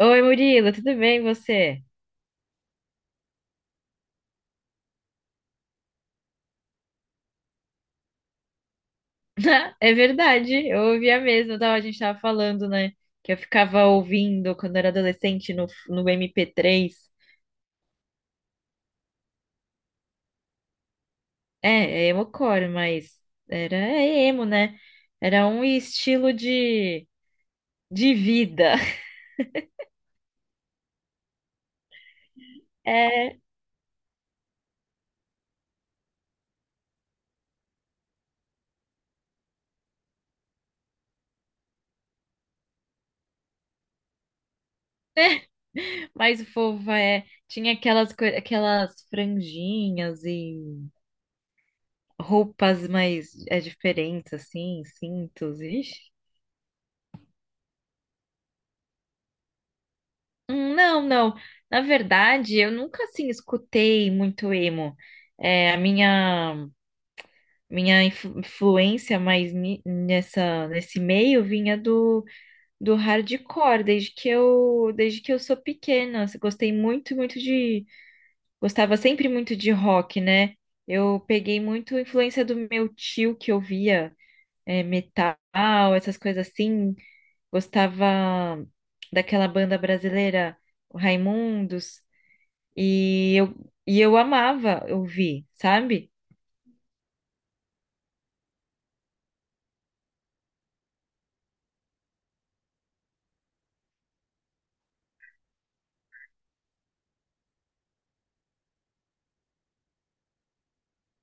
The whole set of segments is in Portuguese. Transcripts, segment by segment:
Oi, Murilo, tudo bem você? É verdade, eu ouvia mesmo, tava, a gente tava falando, né? Que eu ficava ouvindo quando era adolescente no MP3. É, é emocore, mas era é emo, né? Era um estilo de vida. É, mais fofa, é. Tinha aquelas, aquelas franjinhas e roupas mais é, diferentes, assim, cintos, ixi. Não, não. Na verdade, eu nunca assim escutei muito emo. É, a minha influência mais nessa nesse meio vinha do, do hardcore, desde que eu sou pequena. Eu Gostei muito, muito de Gostava sempre muito de rock, né? Eu peguei muito influência do meu tio que ouvia metal, essas coisas assim. Gostava daquela banda brasileira, o Raimundos. E eu, e eu amava ouvir, sabe?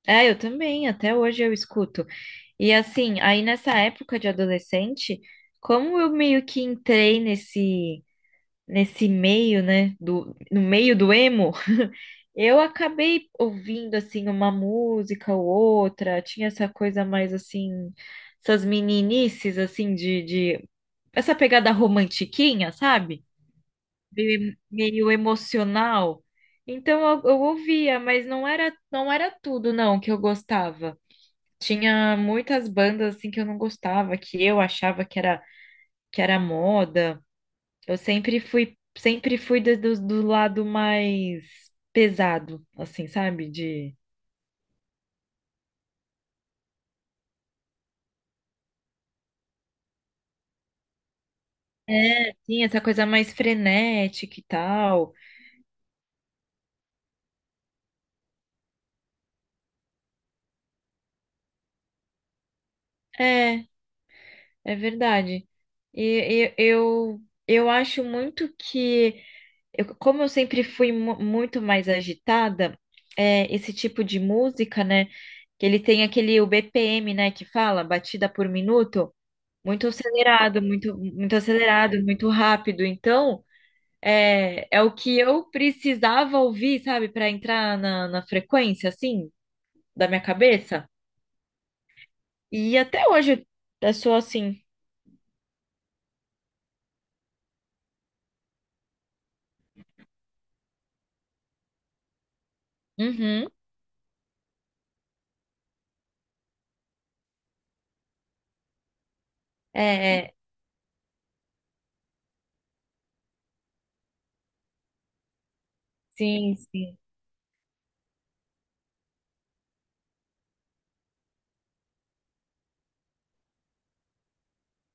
É, eu também, até hoje eu escuto. E assim, aí nessa época de adolescente, como eu meio que entrei nesse meio, né, do no meio do emo, eu acabei ouvindo assim uma música ou outra, tinha essa coisa mais assim, essas meninices assim de essa pegada romantiquinha, sabe? Meio, meio emocional. Então eu ouvia, mas não era tudo não que eu gostava. Tinha muitas bandas assim que eu não gostava, que eu achava que era moda. Eu sempre fui do, do lado mais pesado, assim, sabe? De é, sim, essa coisa mais frenética e tal. É, é verdade. E, e eu eu acho muito que eu, como eu sempre fui muito mais agitada, é, esse tipo de música, né? Que ele tem aquele o BPM, né? Que fala batida por minuto, muito acelerado, muito rápido. Então, é, é o que eu precisava ouvir, sabe, para entrar na frequência, assim, da minha cabeça. E até hoje eu sou assim. Uhum. É, sim, sim.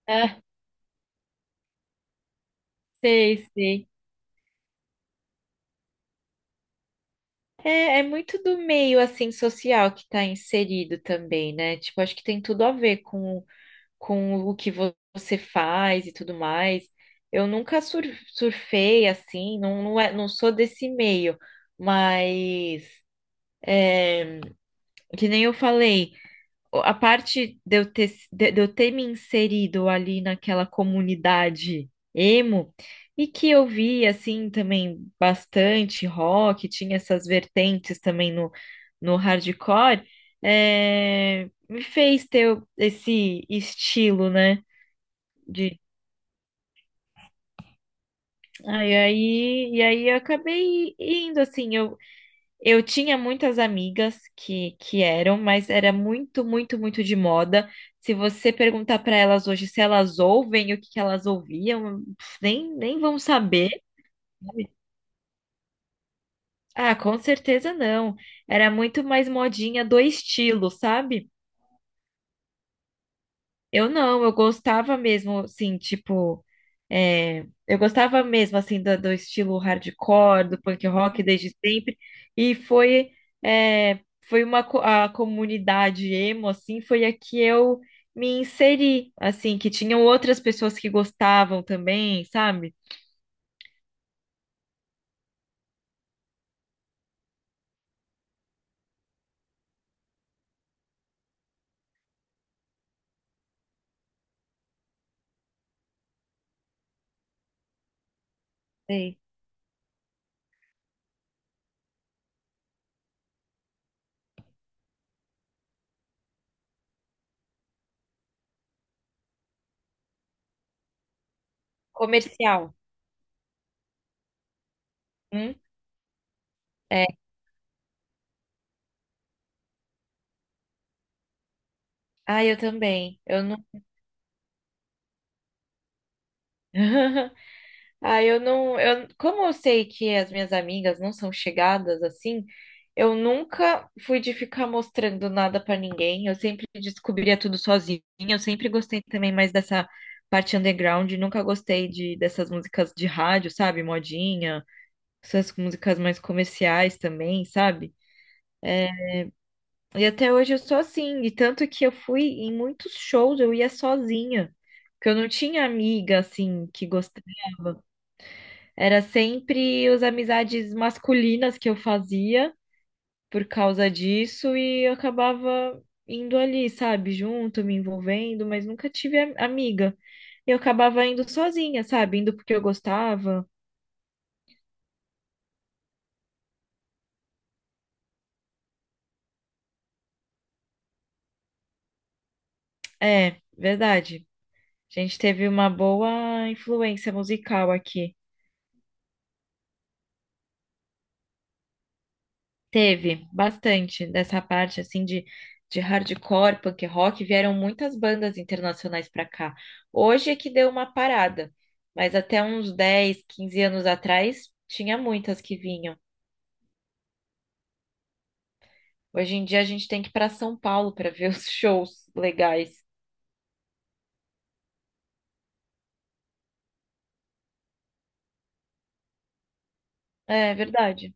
É, sei, sei. É, é muito do meio assim social que está inserido também, né? Tipo, acho que tem tudo a ver com o que você faz e tudo mais. Eu nunca surfei assim, não, não, é, não sou desse meio, mas é, que nem eu falei a parte de eu ter me inserido ali naquela comunidade emo e que eu vi assim também bastante rock, tinha essas vertentes também no hardcore, é, me fez ter esse estilo, né? De, ah, aí, e aí eu acabei indo assim, eu tinha muitas amigas que eram, mas era muito, muito, muito de moda. Se você perguntar para elas hoje se elas ouvem, o que elas ouviam, pff, nem, nem vão saber. Sabe? Ah, com certeza não. Era muito mais modinha do estilo, sabe? Eu não, eu gostava mesmo, assim, tipo, é, eu gostava mesmo, assim, do, do estilo hardcore, do punk rock desde sempre, e foi, é, foi uma, a comunidade emo, assim, foi a que eu me inseri, assim, que tinham outras pessoas que gostavam também, sabe? Sei. Comercial. Hum? É. Ah, eu também, eu não... Ah, eu não, eu, como eu sei que as minhas amigas não são chegadas assim, eu nunca fui de ficar mostrando nada pra ninguém. Eu sempre descobria tudo sozinha. Eu sempre gostei também mais dessa parte underground. Nunca gostei de dessas músicas de rádio, sabe? Modinha, essas músicas mais comerciais também, sabe? E até hoje eu sou assim. E tanto que eu fui em muitos shows, eu ia sozinha, porque eu não tinha amiga assim que gostava. Era sempre as amizades masculinas que eu fazia por causa disso e eu acabava indo ali, sabe, junto, me envolvendo, mas nunca tive amiga. Eu acabava indo sozinha, sabe, indo porque eu gostava. É, verdade. A gente teve uma boa influência musical aqui. Teve bastante dessa parte assim de hardcore, punk rock, vieram muitas bandas internacionais para cá. Hoje é que deu uma parada, mas até uns 10 ou 15 anos atrás tinha muitas que vinham. Hoje em dia a gente tem que ir para São Paulo para ver os shows legais. É verdade.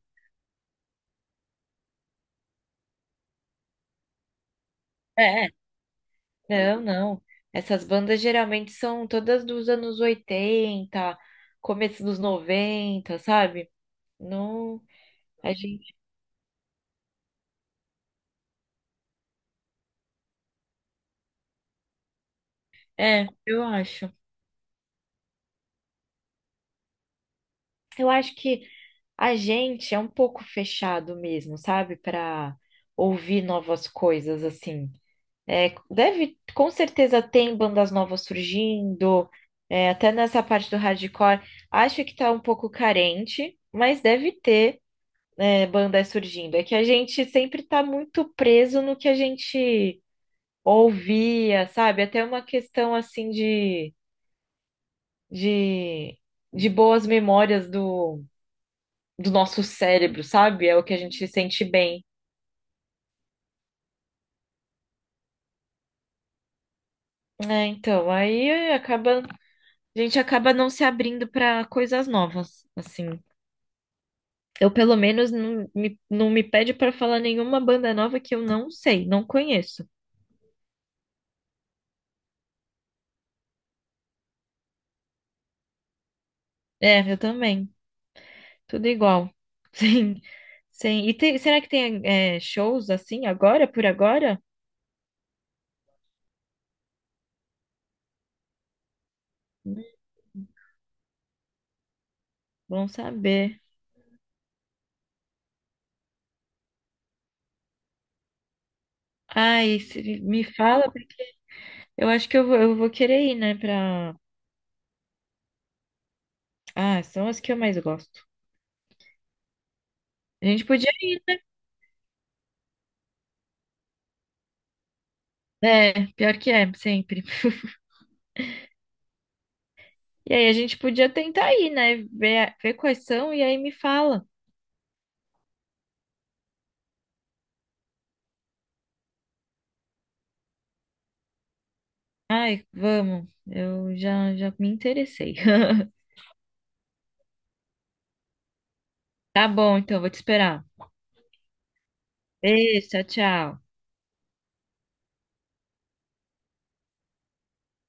É, não, não. Essas bandas geralmente são todas dos anos 80 começo dos 90 sabe? Não, a gente. É, eu acho. Eu acho que a gente é um pouco fechado mesmo, sabe? Para ouvir novas coisas, assim. É, deve, com certeza, tem bandas novas surgindo, é, até nessa parte do hardcore. Acho que tá um pouco carente, mas deve ter, é, bandas surgindo. É que a gente sempre tá muito preso no que a gente ouvia, sabe? Até uma questão, assim, de, de boas memórias do do nosso cérebro, sabe? É o que a gente se sente bem. É, então, aí acaba, a gente acaba não se abrindo para coisas novas, assim. Eu, pelo menos, não me pede para falar nenhuma banda nova que eu não sei, não conheço. É, eu também. Tudo igual. Sim, sim. E será que tem é, shows assim agora, por agora? Hum, Bom saber. Ai, se me fala, porque eu acho que eu vou querer ir, né, pra... Ah, são as que eu mais gosto. A gente podia é, pior que é, sempre. E aí a gente podia tentar ir, né? Ver, ver quais são e aí me fala. Ai, vamos. Já me interessei. Tá bom, então, vou te esperar. Beijo, tchau, tchau.